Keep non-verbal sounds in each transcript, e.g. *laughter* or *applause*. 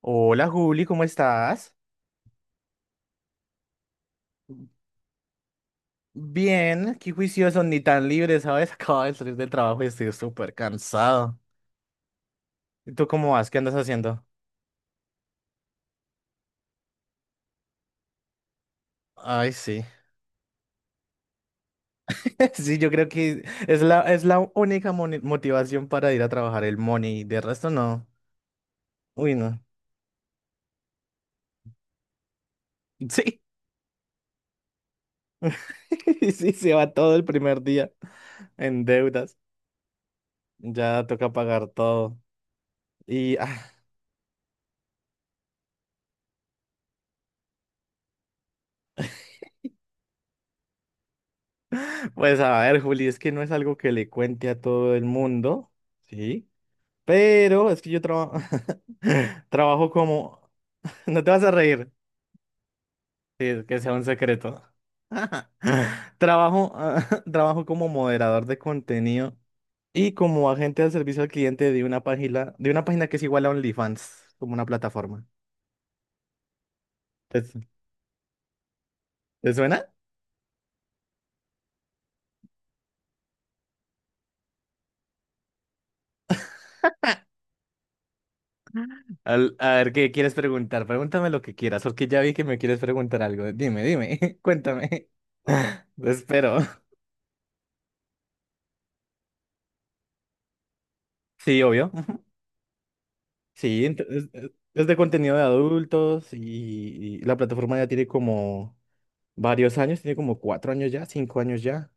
Hola Juli, ¿cómo estás? Bien, qué juicioso, ni tan libre, ¿sabes? *laughs* Acabo de salir del trabajo y estoy súper cansado. ¿Y tú cómo vas? ¿Qué andas haciendo? Ay, sí. *laughs* Sí, yo creo que es la única motivación para ir a trabajar el money. De resto, no. Uy, no. Sí. *laughs* Sí, se va todo el primer día en deudas. Ya toca pagar todo. Y ah, *laughs* pues a ver, Juli, es que no es algo que le cuente a todo el mundo, ¿sí? Pero es que yo trabajo *laughs* trabajo como... *laughs* No te vas a reír, sí, es que sea un secreto. *laughs* Trabajo, *laughs* trabajo como moderador de contenido y como agente de servicio al cliente de una página que es igual a OnlyFans, como una plataforma. ¿Te, su- te suena? A ver, ¿qué quieres preguntar? Pregúntame lo que quieras, porque ya vi que me quieres preguntar algo. Dime, dime, *laughs* cuéntame. *laughs* Te espero. Sí, obvio. Sí, es de contenido de adultos y la plataforma ya tiene como varios años, tiene como 4 años ya, 5 años ya.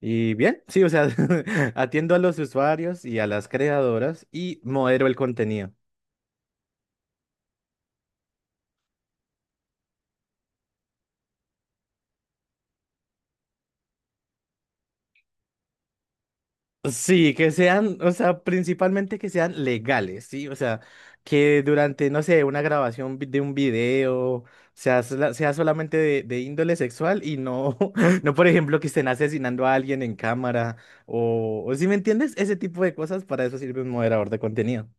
Y bien, sí, o sea, *laughs* atiendo a los usuarios y a las creadoras y modero el contenido. Sí, que sean, o sea, principalmente que sean legales, ¿sí? O sea, que durante, no sé, una grabación de un video sea solamente de índole sexual y no, *laughs* no, por ejemplo, que estén asesinando a alguien en cámara o, si me entiendes, ese tipo de cosas, para eso sirve un moderador de contenido.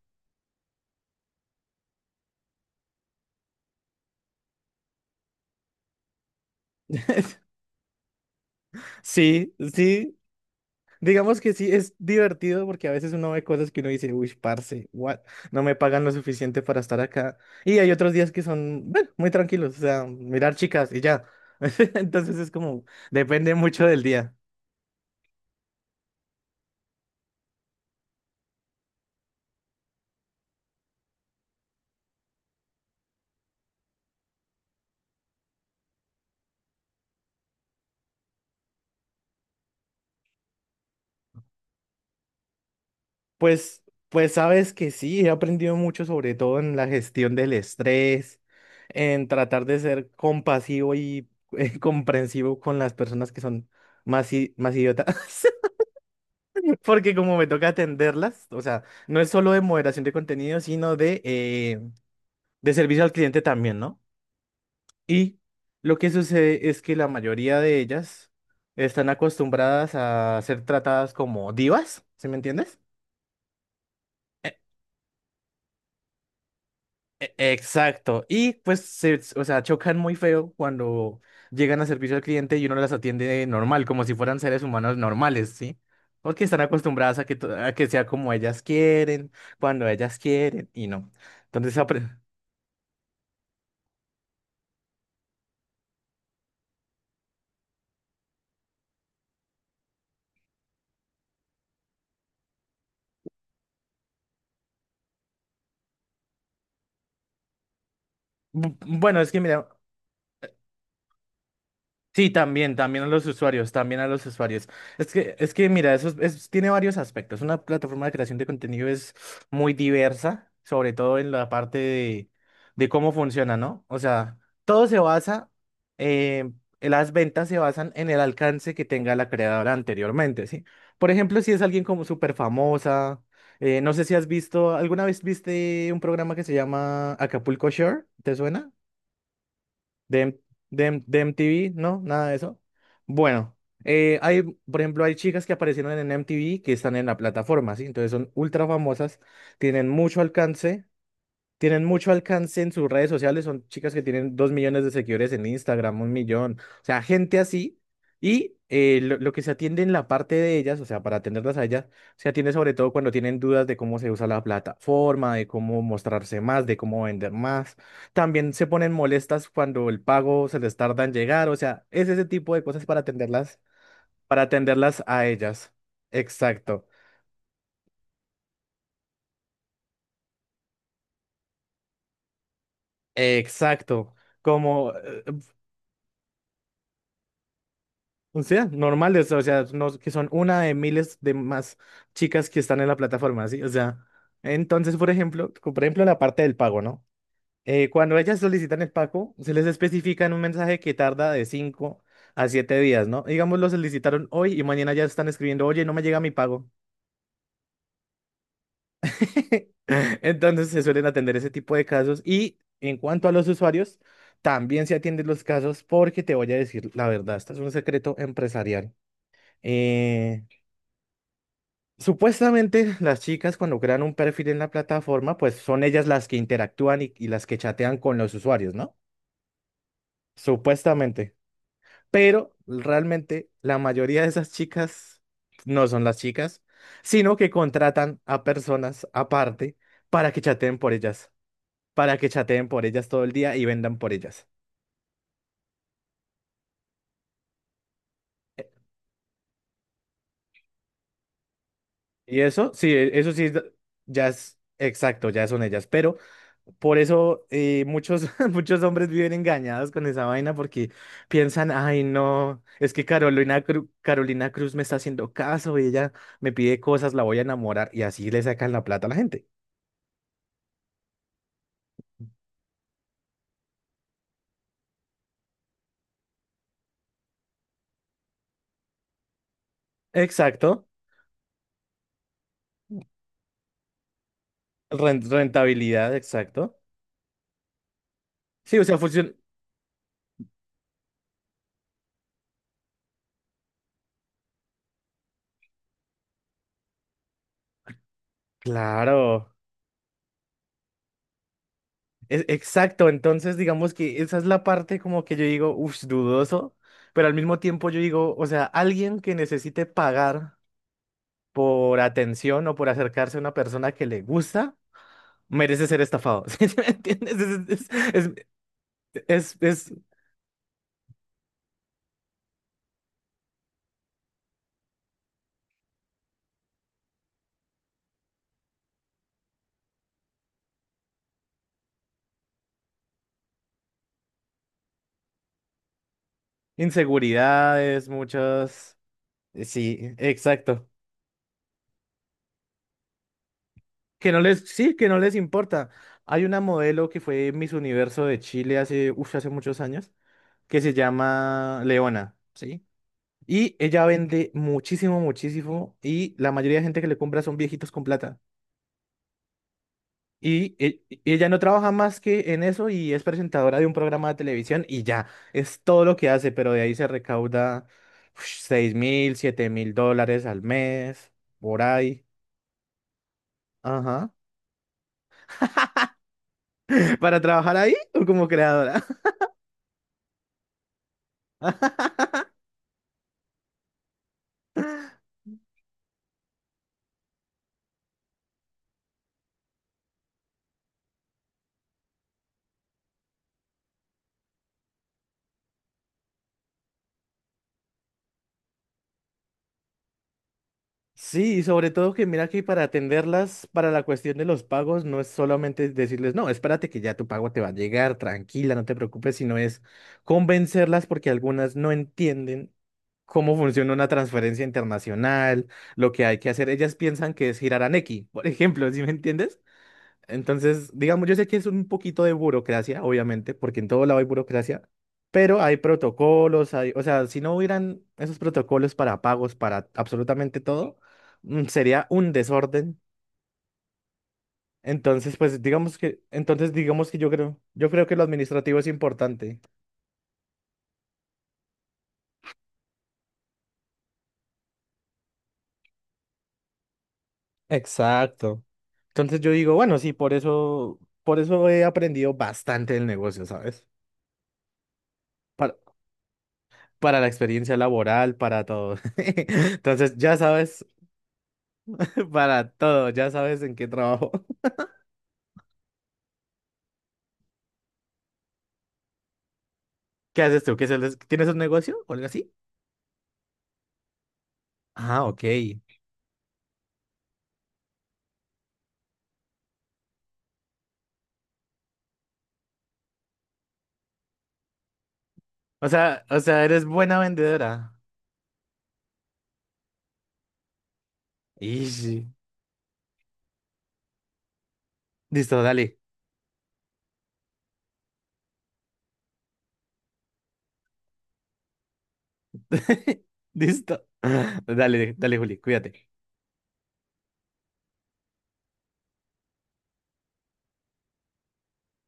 Sí, sí. Digamos que sí, es divertido porque a veces uno ve cosas que uno dice, uy, parce, what? No me pagan lo suficiente para estar acá. Y hay otros días que son, bueno, muy tranquilos, o sea, mirar chicas y ya. *laughs* Entonces es como, depende mucho del día. Pues, pues sabes que sí, he aprendido mucho, sobre todo en la gestión del estrés, en tratar de ser compasivo y comprensivo con las personas que son más idiotas, *laughs* porque como me toca atenderlas, o sea, no es solo de moderación de contenido, sino de servicio al cliente también, ¿no? Y lo que sucede es que la mayoría de ellas están acostumbradas a ser tratadas como divas, ¿sí me entiendes? Exacto. Y pues, o sea, chocan muy feo cuando llegan a servicio al cliente y uno las atiende normal, como si fueran seres humanos normales, ¿sí? Porque están acostumbradas a que, a que sea como ellas quieren, cuando ellas quieren, y no. Entonces. Bueno, es que mira. Sí, también, también a los usuarios, también a los usuarios. Es que mira, eso tiene varios aspectos. Una plataforma de creación de contenido es muy diversa, sobre todo en la parte de cómo funciona, ¿no? O sea, todo se basa, eh, las ventas se basan en el alcance que tenga la creadora anteriormente, ¿sí? Por ejemplo, si es alguien como súper famosa, no sé si has visto, ¿alguna vez viste un programa que se llama Acapulco Shore? ¿Te suena? De, M- de MTV, ¿no? Nada de eso. Bueno, hay, por ejemplo, hay chicas que aparecieron en MTV que están en la plataforma, ¿sí? Entonces son ultra famosas, tienen mucho alcance tienen mucho alcance en sus redes sociales, son chicas que tienen 2 millones de seguidores en Instagram, 1 millón, o sea, gente así. Y lo que se atiende en la parte de ellas, o sea, para atenderlas a ellas, se atiende sobre todo cuando tienen dudas de cómo se usa la plataforma, de cómo mostrarse más, de cómo vender más. También se ponen molestas cuando el pago se les tarda en llegar, o sea, es ese tipo de cosas para atenderlas a ellas. Exacto, exacto. Como, eh, O sea, normales, o sea, no, que son una de miles de más chicas que están en la plataforma, ¿sí? O sea, entonces, por ejemplo, por ejemplo, la parte del pago, ¿no? Cuando ellas solicitan el pago, se les especifica en un mensaje que tarda de 5 a 7 días, ¿no? Digamos, lo solicitaron hoy y mañana ya están escribiendo, oye, no me llega mi pago. *laughs* Entonces, se suelen atender ese tipo de casos. Y en cuanto a los usuarios, también se atienden los casos porque te voy a decir la verdad, esto es un secreto empresarial. Eh, Supuestamente las chicas cuando crean un perfil en la plataforma, pues son ellas las que interactúan y las que chatean con los usuarios, ¿no? Supuestamente. Pero realmente la mayoría de esas chicas no son las chicas, sino que contratan a personas aparte para que chateen por ellas, para que chateen por ellas todo el día y vendan por ellas. Y eso sí, ya es exacto, ya son ellas, pero por eso muchos, *laughs* muchos hombres viven engañados con esa vaina porque piensan, ay, no, es que Carolina Cruz me está haciendo caso y ella me pide cosas, la voy a enamorar y así le sacan la plata a la gente. Exacto, rentabilidad, exacto. Sí, o sea, funciona. Claro, exacto. Entonces, digamos que esa es la parte como que yo digo, uff, dudoso, pero al mismo tiempo yo digo, o sea, alguien que necesite pagar por atención o por acercarse a una persona que le gusta, merece ser estafado. *laughs* ¿Sí me entiendes? Es, es, es- es- Inseguridades, muchas. Sí, exacto. Que no les, Sí, que no les importa. Hay una modelo que fue Miss Universo de Chile hace, uf, hace muchos años, que se llama Leona, ¿sí? Y ella vende muchísimo, muchísimo. Y la mayoría de gente que le compra son viejitos con plata. Y ella no trabaja más que en eso y es presentadora de un programa de televisión y ya, es todo lo que hace, pero de ahí se recauda 6.000, 7.000 dólares al mes, por ahí. Ajá. *laughs* ¿Para trabajar ahí o como creadora? Sí, y sobre todo que mira que para atenderlas, para la cuestión de los pagos, no es solamente decirles, no, espérate que ya tu pago te va a llegar, tranquila, no te preocupes, sino es convencerlas porque algunas no entienden cómo funciona una transferencia internacional, lo que hay que hacer. Ellas piensan que es girar a Nequi, por *laughs* ejemplo, ¿sí me entiendes? Entonces, digamos, yo sé que es un poquito de burocracia, obviamente, porque en todo lado hay burocracia, pero hay protocolos, o sea, si no hubieran esos protocolos para pagos, para absolutamente todo, sería un desorden. Entonces, pues digamos que yo creo que lo administrativo es importante. Exacto. Entonces yo digo, bueno, sí, por eso, he aprendido bastante del negocio, ¿sabes? Para, para la experiencia laboral, para todo. *laughs* Entonces, ya sabes. *laughs* Para todo, ya sabes en qué trabajo. *laughs* ¿Qué haces tú? ¿Tienes un negocio o algo así? Ah, ok. O sea, eres buena vendedora. Ish. Listo, dale. *laughs* Listo. *laughs* Dale, dale, Juli, cuídate.